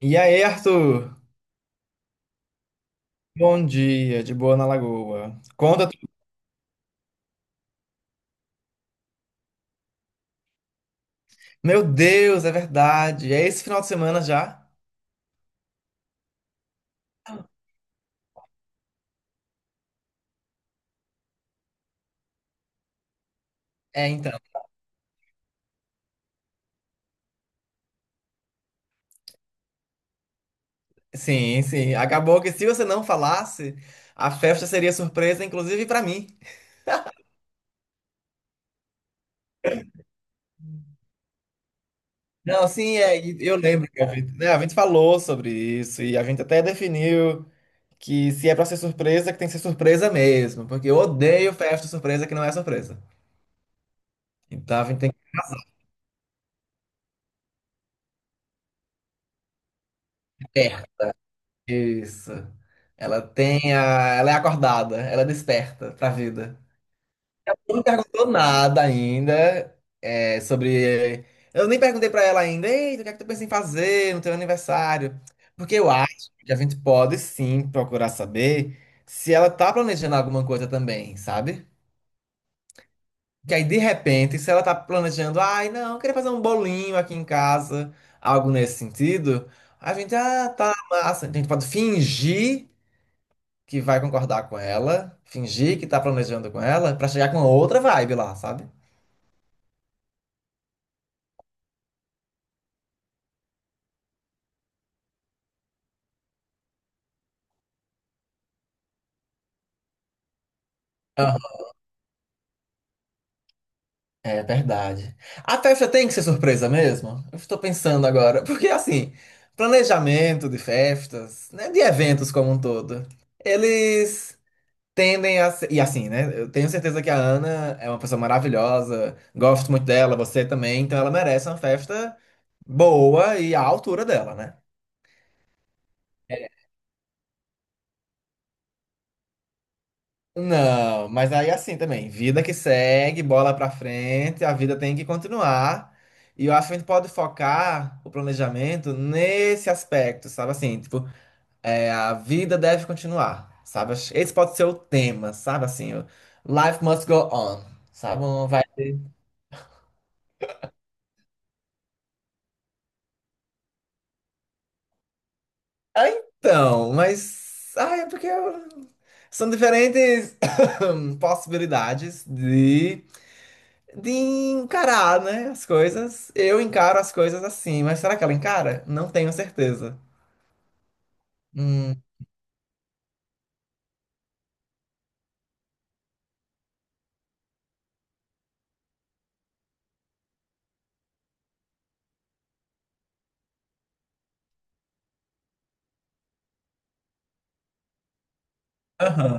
E aí, Arthur? Bom dia, de boa na Lagoa. Conta tudo. Meu Deus, é verdade. É esse final de semana já? É, então. Sim, sim. Acabou que se você não falasse, a festa seria surpresa, inclusive pra mim. Não, sim, é, e eu lembro que a gente, né, a gente falou sobre isso e a gente até definiu que se é pra ser surpresa, que tem que ser surpresa mesmo, porque eu odeio festa surpresa que não é surpresa. Então a gente tem que. Isso. Ela tem a. Ela é acordada, ela é desperta pra vida. Não me perguntou nada ainda, sobre. Eu nem perguntei pra ela ainda, eita, o que é que tu pensa em fazer no teu aniversário? Porque eu acho que a gente pode sim procurar saber se ela tá planejando alguma coisa também, sabe? Que aí, de repente, se ela tá planejando, ai, não, eu queria fazer um bolinho aqui em casa, algo nesse sentido, a gente, ah, tá massa, a gente pode fingir que vai concordar com ela, fingir que tá planejando com ela, pra chegar com outra vibe lá, sabe? Aham. É verdade. A festa tem que ser surpresa mesmo? Eu estou pensando agora, porque assim, planejamento de festas, né, de eventos como um todo, eles tendem a ser, e assim, né? Eu tenho certeza que a Ana é uma pessoa maravilhosa, gosto muito dela, você também, então ela merece uma festa boa e à altura dela, né? Não, mas aí assim também, vida que segue, bola pra frente, a vida tem que continuar. E eu acho que a gente pode focar o planejamento nesse aspecto, sabe assim, tipo, é, a vida deve continuar, sabe? Esse pode ser o tema, sabe assim, o Life must go on, sabe? Um vai. Ah, então, mas ah, é porque são diferentes possibilidades de encarar, né, as coisas. Eu encaro as coisas assim, mas será que ela encara? Não tenho certeza. Hum, aham,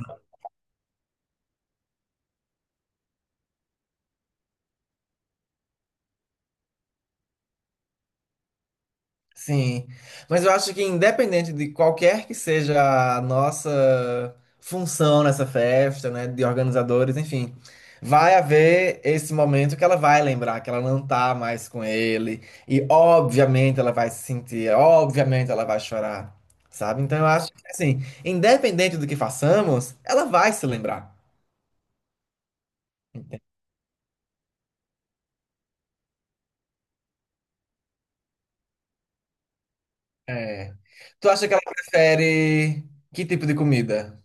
sim. Mas eu acho que independente de qualquer que seja a nossa função nessa festa, né, de organizadores, enfim, vai haver esse momento que ela vai lembrar que ela não tá mais com ele e obviamente ela vai se sentir, obviamente ela vai chorar. Sabe? Então eu acho que assim, independente do que façamos, ela vai se lembrar. É. Tu acha que ela prefere que tipo de comida?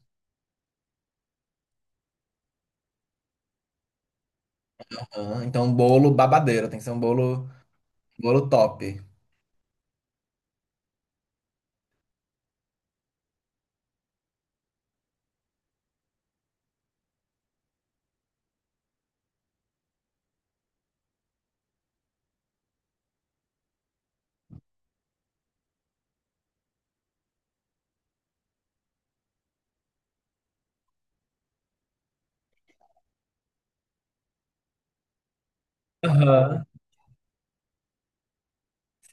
Aham. Então, bolo babadeiro, tem que ser um bolo, bolo top. Aham.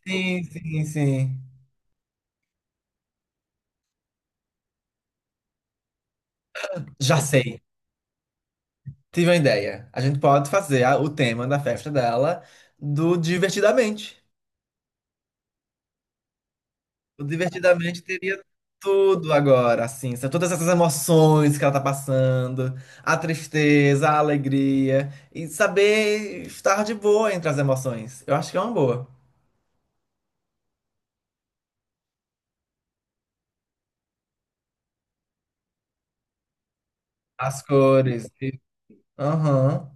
Sim, sim, sim. Já sei. Tive uma ideia. A gente pode fazer o tema da festa dela do Divertidamente. O Divertidamente teria tudo agora, assim, são todas essas emoções que ela tá passando, a tristeza, a alegria, e saber estar de boa entre as emoções. Eu acho que é uma boa. As cores. Aham.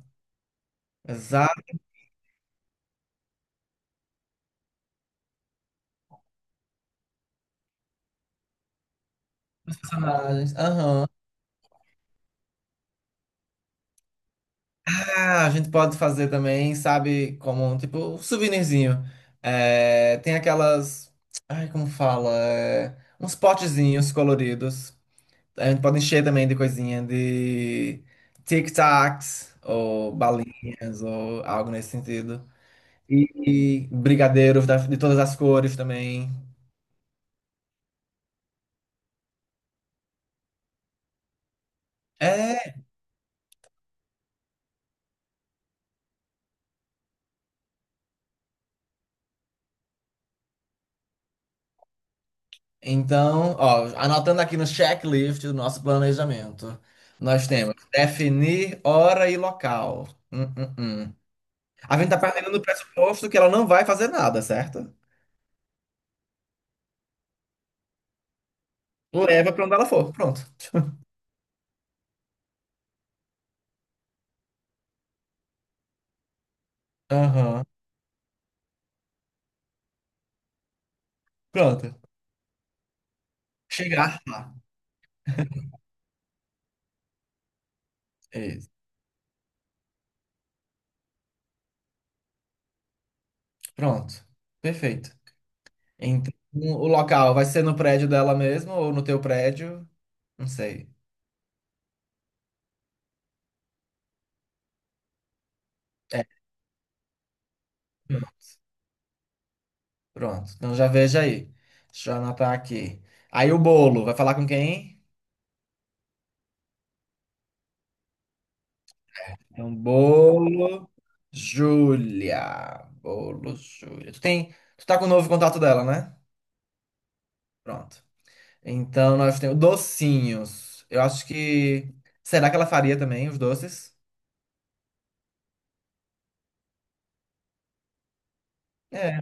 Exato, os personagens. Aham. Ah, a gente pode fazer também, sabe, como um tipo um souvenirzinho. É, tem aquelas. Ai, como fala? É, uns potezinhos coloridos. A gente pode encher também de coisinha de tic-tacs ou balinhas ou algo nesse sentido. E brigadeiros de todas as cores também. É, então, ó, anotando aqui no checklist do nosso planejamento, nós temos definir hora e local. Hum. A gente tá partindo do pressuposto que ela não vai fazer nada, certo? Leva pra onde ela for, pronto. Aham. Pronto. Chegar lá. Isso. Pronto. Perfeito. Então, o local vai ser no prédio dela mesmo ou no teu prédio? Não sei. É, pronto. Então já veja aí. Deixa eu anotar aqui. Aí o bolo, vai falar com quem? É um bolo, Júlia. Bolo, Júlia. Tu tem, tu tá com o novo contato dela, né? Pronto. Então nós temos docinhos. Eu acho que será que ela faria também os doces? É,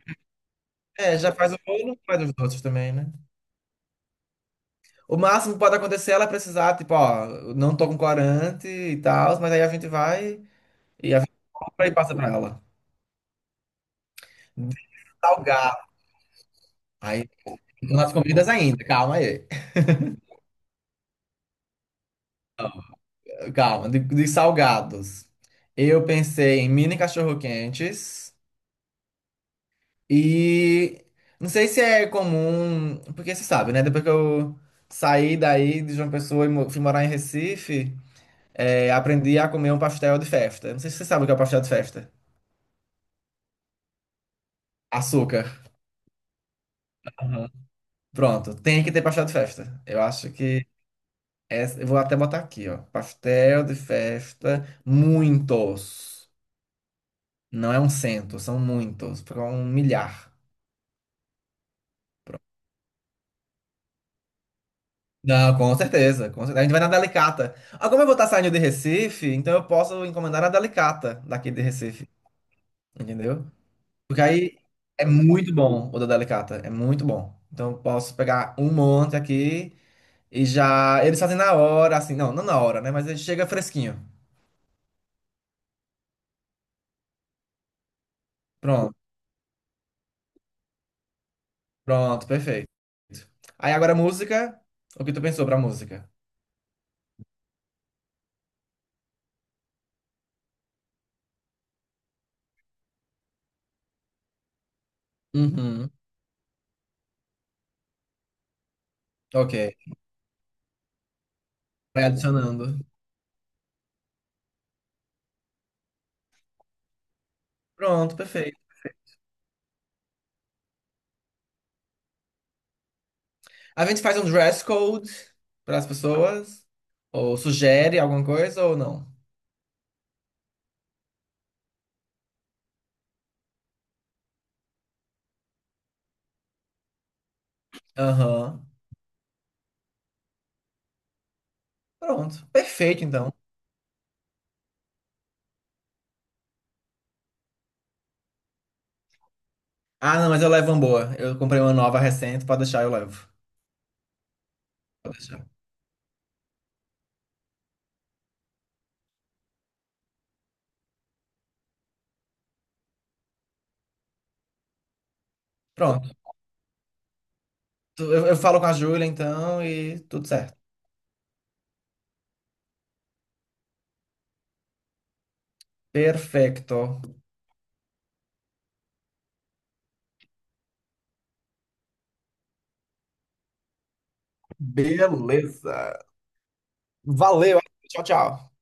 é, já faz o bolo, faz os doces também, né? O máximo que pode acontecer é ela precisar, tipo, ó, eu não tô com corante e tal, mas aí a gente vai e a gente compra e passa pra ela. De salgado. Aí, nas comidas ainda, calma aí. Calma, de salgados. Eu pensei em mini cachorro-quentes e não sei se é comum, porque você sabe, né? Depois que eu saí daí de João Pessoa e fui morar em Recife, é, aprendi a comer um pastel de festa. Não sei se você sabe o que é o pastel de festa. Açúcar. Aham. Pronto, tem que ter pastel de festa. Eu acho que essa, eu vou até botar aqui, ó. Pastel de festa, muitos. Não é um cento, são muitos, porque é um milhar. Não, com certeza, com certeza. A gente vai na Delicata. Agora eu vou estar saindo de Recife, então eu posso encomendar a Delicata daqui de Recife, entendeu? Porque aí é muito bom o da Delicata, é muito bom. Então eu posso pegar um monte aqui e já. Eles fazem na hora, assim, não, não na hora, né? Mas ele chega fresquinho. Pronto, pronto, perfeito. Aí agora a música, o que tu pensou pra música? Uhum, ok. Vai adicionando. Pronto, perfeito. A gente faz um dress code para as pessoas, ou sugere alguma coisa ou não. Aham. Pronto. Perfeito, então. Ah, não, mas eu levo uma boa. Eu comprei uma nova recente, pode deixar, eu levo. Pode deixar. Pronto. Eu falo com a Júlia, então, e tudo certo. Perfeito. Beleza. Valeu. Tchau, tchau.